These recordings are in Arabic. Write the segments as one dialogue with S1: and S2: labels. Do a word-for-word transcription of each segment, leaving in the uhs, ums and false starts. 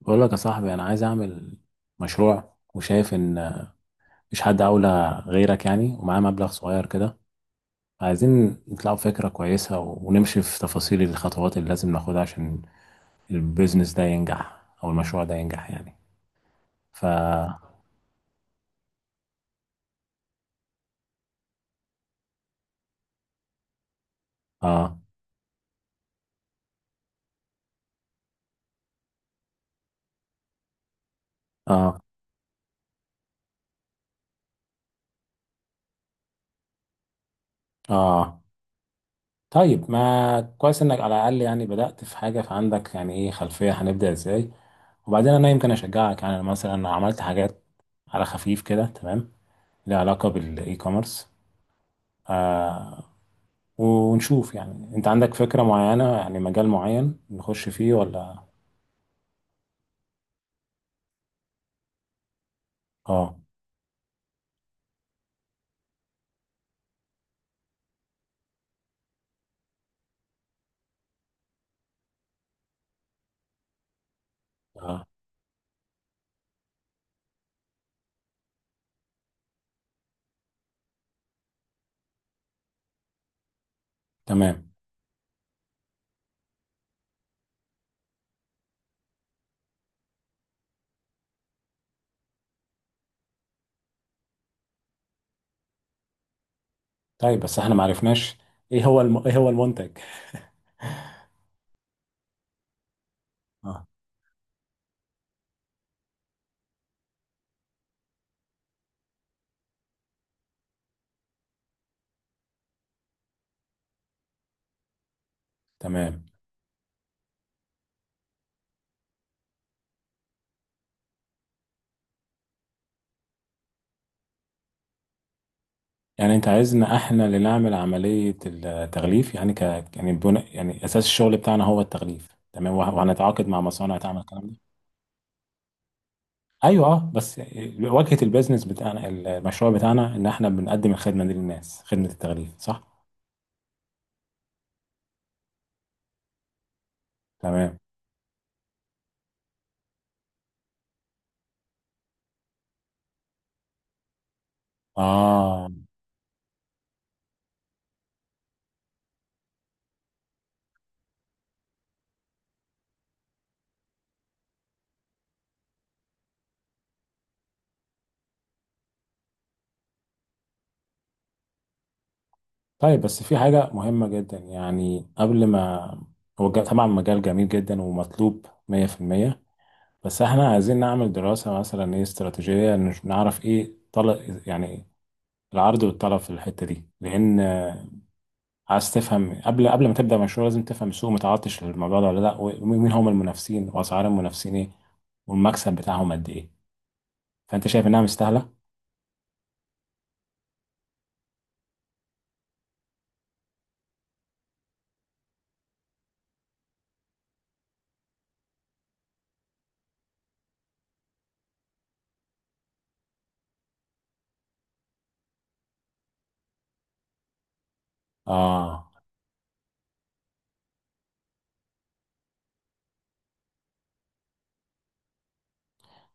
S1: بقول لك يا صاحبي، انا عايز اعمل مشروع وشايف ان مش حد اولى غيرك يعني، ومعاه مبلغ صغير كده. عايزين نطلعوا فكرة كويسة و- ونمشي في تفاصيل الخطوات اللي لازم ناخدها عشان البيزنس ده ينجح او المشروع ده ينجح يعني. ف اه اه اه طيب، ما كويس انك على الاقل يعني بدأت في حاجة. فعندك يعني ايه خلفية؟ هنبدأ ازاي؟ وبعدين انا يمكن اشجعك، يعني أنا مثلا عملت حاجات على خفيف كده، تمام؟ ليها علاقة بالاي كوميرس. ونشوف يعني انت عندك فكرة معينة يعني مجال معين نخش فيه ولا. اه. اه، تمام. طيب بس احنا ما عرفناش ايه هو الم... ايه هو المنتج؟ اه، تمام. يعني انت عايزنا احنا اللي نعمل عملية التغليف، يعني ك يعني بناء، يعني اساس الشغل بتاعنا هو التغليف، تمام؟ وه- وهنتعاقد مع مصانع تعمل الكلام ده. ايوه، اه، بس واجهة البيزنس بتاعنا، المشروع بتاعنا، ان احنا بنقدم الخدمة دي للناس، خدمة التغليف، صح؟ تمام. اه. طيب، بس في حاجة مهمة جدا يعني قبل ما هو جا- طبعا مجال جميل جدا ومطلوب مية في المية، بس احنا عايزين نعمل دراسة مثلا ايه استراتيجية، نش- نعرف ايه طلب يعني العرض والطلب في الحتة دي. لأن عايز تفهم، قبل قبل ما تبدأ مشروع لازم تفهم السوق متعطش للموضوع ده ولا لا، ومين هم المنافسين، وأسعار المنافسين ايه، والمكسب بتاعهم قد ايه. فأنت شايف إنها مستاهلة؟ آه.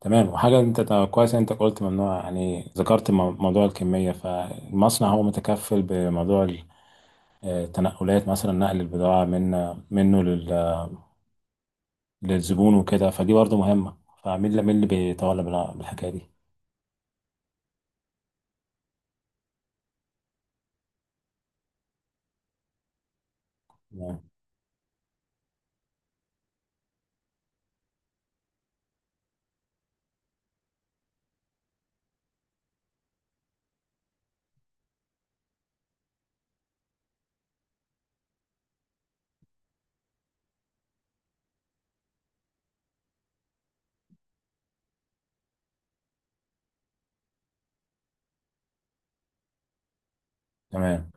S1: تمام. وحاجة انت، طب كويس انت قلت ممنوع، يعني ذكرت مو- موضوع الكمية. فالمصنع هو متكفل بموضوع ال- آه، التنقلات، مثلا نقل البضاعة من منه لل- للزبون وكده، فدي برضه مهمة. فمين اللي، مين اللي بيتولى بال- بالحكاية دي؟ تمام. تمام.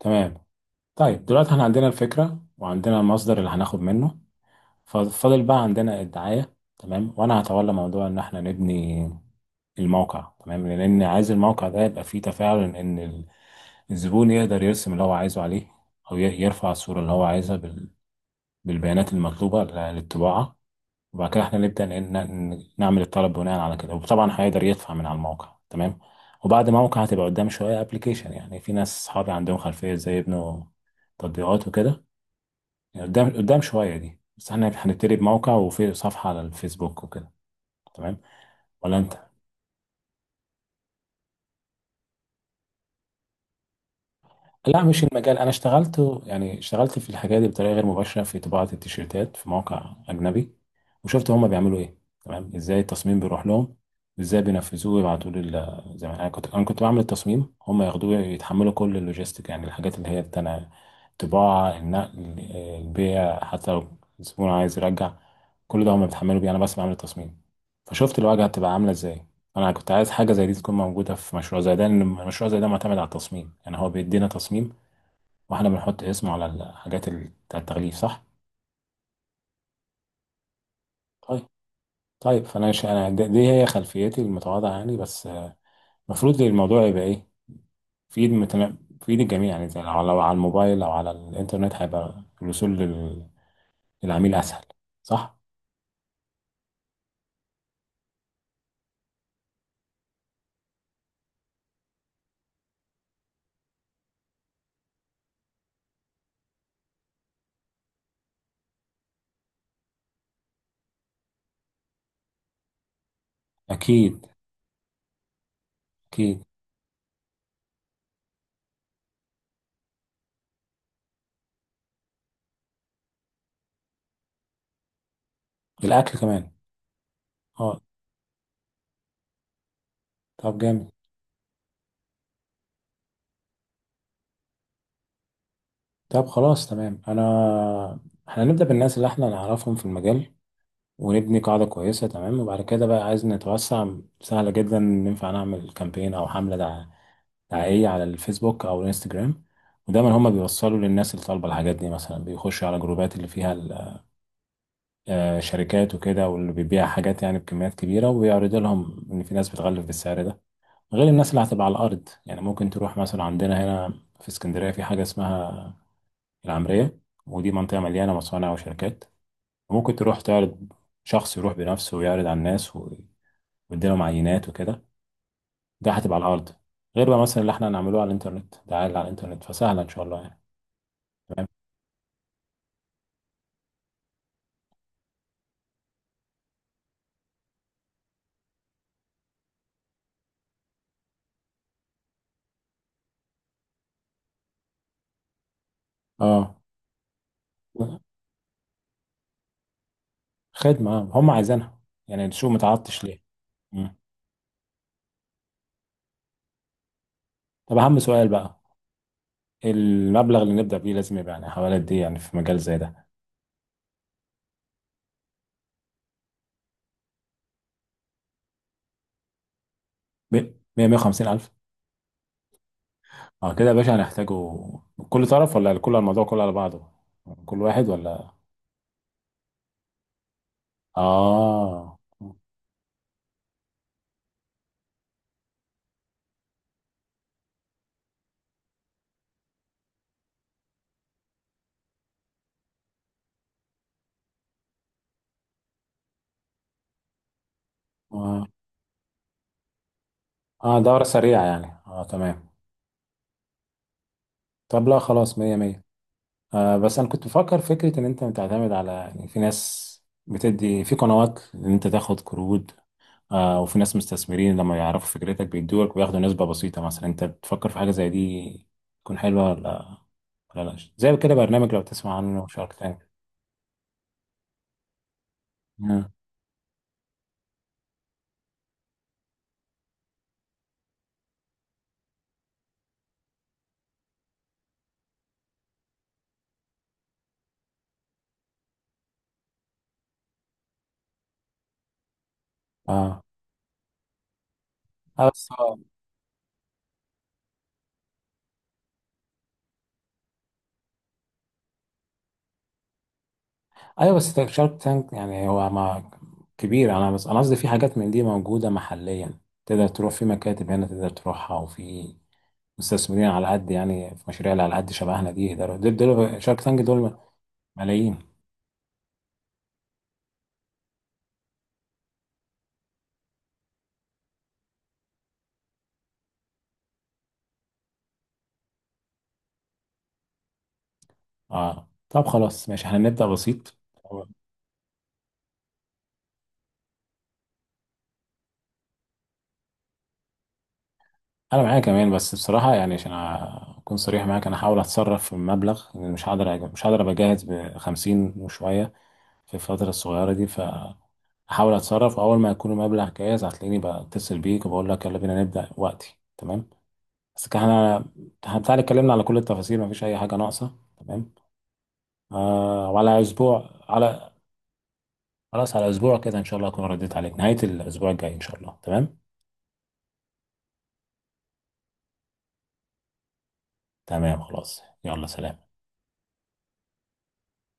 S1: تمام. طيب، دلوقتي احنا عندنا الفكرة، وعندنا المصدر اللي هناخد منه، ففاضل بقى عندنا الدعاية، تمام؟ وانا هتولى موضوع ان احنا نبني الموقع، تمام؟ لان عايز الموقع ده يبقى فيه تفاعل ان الزبون يقدر يرسم اللي هو عايزه عليه، أو ي- يرفع الصورة اللي هو عايزها بال- بالبيانات المطلوبة ل- للطباعة، وبعد كده احنا نبدأ ن- ن- نعمل الطلب بناء على كده. وطبعا هيقدر يدفع من على الموقع، تمام؟ وبعد موقع هتبقى قدام شوية ابلكيشن، يعني في ناس صحابي عندهم خلفية زي يبنوا تطبيقات وكده، يعني قدام، قدام شوية دي، بس احنا هنبتدي بموقع وفي صفحة على الفيسبوك وكده، تمام. ولا انت، لا مش المجال. انا اشتغلت يعني، اشتغلت في الحاجات دي بطريقه غير مباشره في طباعه التيشيرتات في موقع اجنبي، وشفت هما بيعملوا ايه، تمام؟ ازاي التصميم بيروح لهم وازاي بينفذوه ويبعتوا لي ال، زي ما انا كنت، انا كنت بعمل التصميم هما ياخدوه يتحملوا كل اللوجيستيك، يعني الحاجات اللي هي بتاع الطباعه، النقل، البيع، حتى لو الزبون عايز يرجع كل ده هما بيتحملوا بيه، انا بس بعمل التصميم. فشفت الواجهه بتبقى عامله ازاي. انا كنت عايز حاجه زي دي تكون موجوده في مشروع زي ده، لان المشروع زي ده معتمد على التصميم يعني. هو بيدينا تصميم واحنا بنحط اسمه على الحاجات ال- بتاع التغليف، صح؟ طيب. طيب، فانا ش... انا دي دي هي خلفيتي المتواضعه يعني، بس آه، المفروض الموضوع يبقى ايه في ايد متنا... في ايد الجميع يعني، زي لو، لو على الموبايل او على الانترنت هيبقى الوصول لل... للعميل اسهل، صح؟ اكيد. اكيد. الاكل كمان. اه، طب جامد. طب خلاص، تمام. انا احنا هنبدأ بالناس اللي احنا نعرفهم في المجال، ونبني قاعدة كويسة، تمام؟ وبعد كده بقى عايز نتوسع. سهلة جدا، ننفع نعمل كامبين أو حملة دع- دعائية على الفيسبوك أو الانستجرام، ودايما هما بيوصلوا للناس اللي طالبة الحاجات دي. مثلا بيخشوا على جروبات اللي فيها ال- آه، شركات وكده، واللي بيبيع حاجات يعني بكميات كبيرة، وبيعرضوا لهم إن في ناس بتغلف بالسعر ده. غير الناس اللي هتبقى على الأرض، يعني ممكن تروح مثلا عندنا هنا في اسكندرية في حاجة اسمها العمرية، ودي منطقة مليانة مصانع وشركات، ممكن تروح تعرض، شخص يروح بنفسه ويعرض على الناس واديلهم عينات وكده. ده هتبقى على الارض، غير بقى مثلا اللي احنا هنعمله على الانترنت. ده عادي، على الانترنت فسهله ان شاء الله يعني. اه. خدمه، آه. هم عايزينها، يعني السوق متعطش ليه. مم. طب اهم سؤال بقى، المبلغ اللي نبدا بيه لازم يبقى يعني حوالي قد ايه يعني في مجال زي ده؟ مائة مية وخمسين الف؟ اه كده يا باشا هنحتاجه؟ كل طرف ولا كل الموضوع كله على بعضه؟ كل واحد ولا؟ اه. اه, آه، دورة سريعة يعني، اه تمام. طب لا خلاص، مية مية. آه، بس انا كنت بفكر فكره ان انت بتعتمد على، يعني في ناس بتدي في قنوات ان انت تاخد قروض، آه، وفي ناس مستثمرين لما يعرفوا فكرتك بيدولك وياخدوا نسبه بسيطه. مثلا انت بتفكر في حاجه زي دي تكون حلوه ولا ولا لا؟ زي كده برنامج، لو تسمع عنه، شارك تانك. اه. اه. آه، بس هو، ايوه بس شارك تانك يعني هو ما كبير انا، بس انا قصدي في حاجات من دي موجوده محليا. تقدر تروح في مكاتب هنا تقدر تروحها، وفي مستثمرين على قد يعني في مشاريع اللي على قد شبهنا دي يقدروا، دول، دول شارك تانك دول ملايين. اه، طب خلاص، ماشي، احنا نبدا بسيط. انا معايا كمان، بس بصراحه يعني عشان اكون صريح معاك، انا هحاول اتصرف في المبلغ، لأن مش هقدر أج- مش هقدر ابقى جاهز ب خمسين وشويه في الفتره الصغيره دي. احاول اتصرف، اول ما يكون المبلغ جاهز هتلاقيني بتصل بيك وبقول لك يلا بينا نبدا وقتي، تمام؟ بس كان احنا، إحنا بتاع اتكلمنا على كل التفاصيل، مفيش اي حاجه ناقصه، تمام؟ آه، وعلى اسبوع، على، خلاص على اسبوع كده ان شاء الله اكون رديت عليك نهايه الاسبوع الجاي ان شاء الله، تمام. تمام، خلاص، يلا سلام.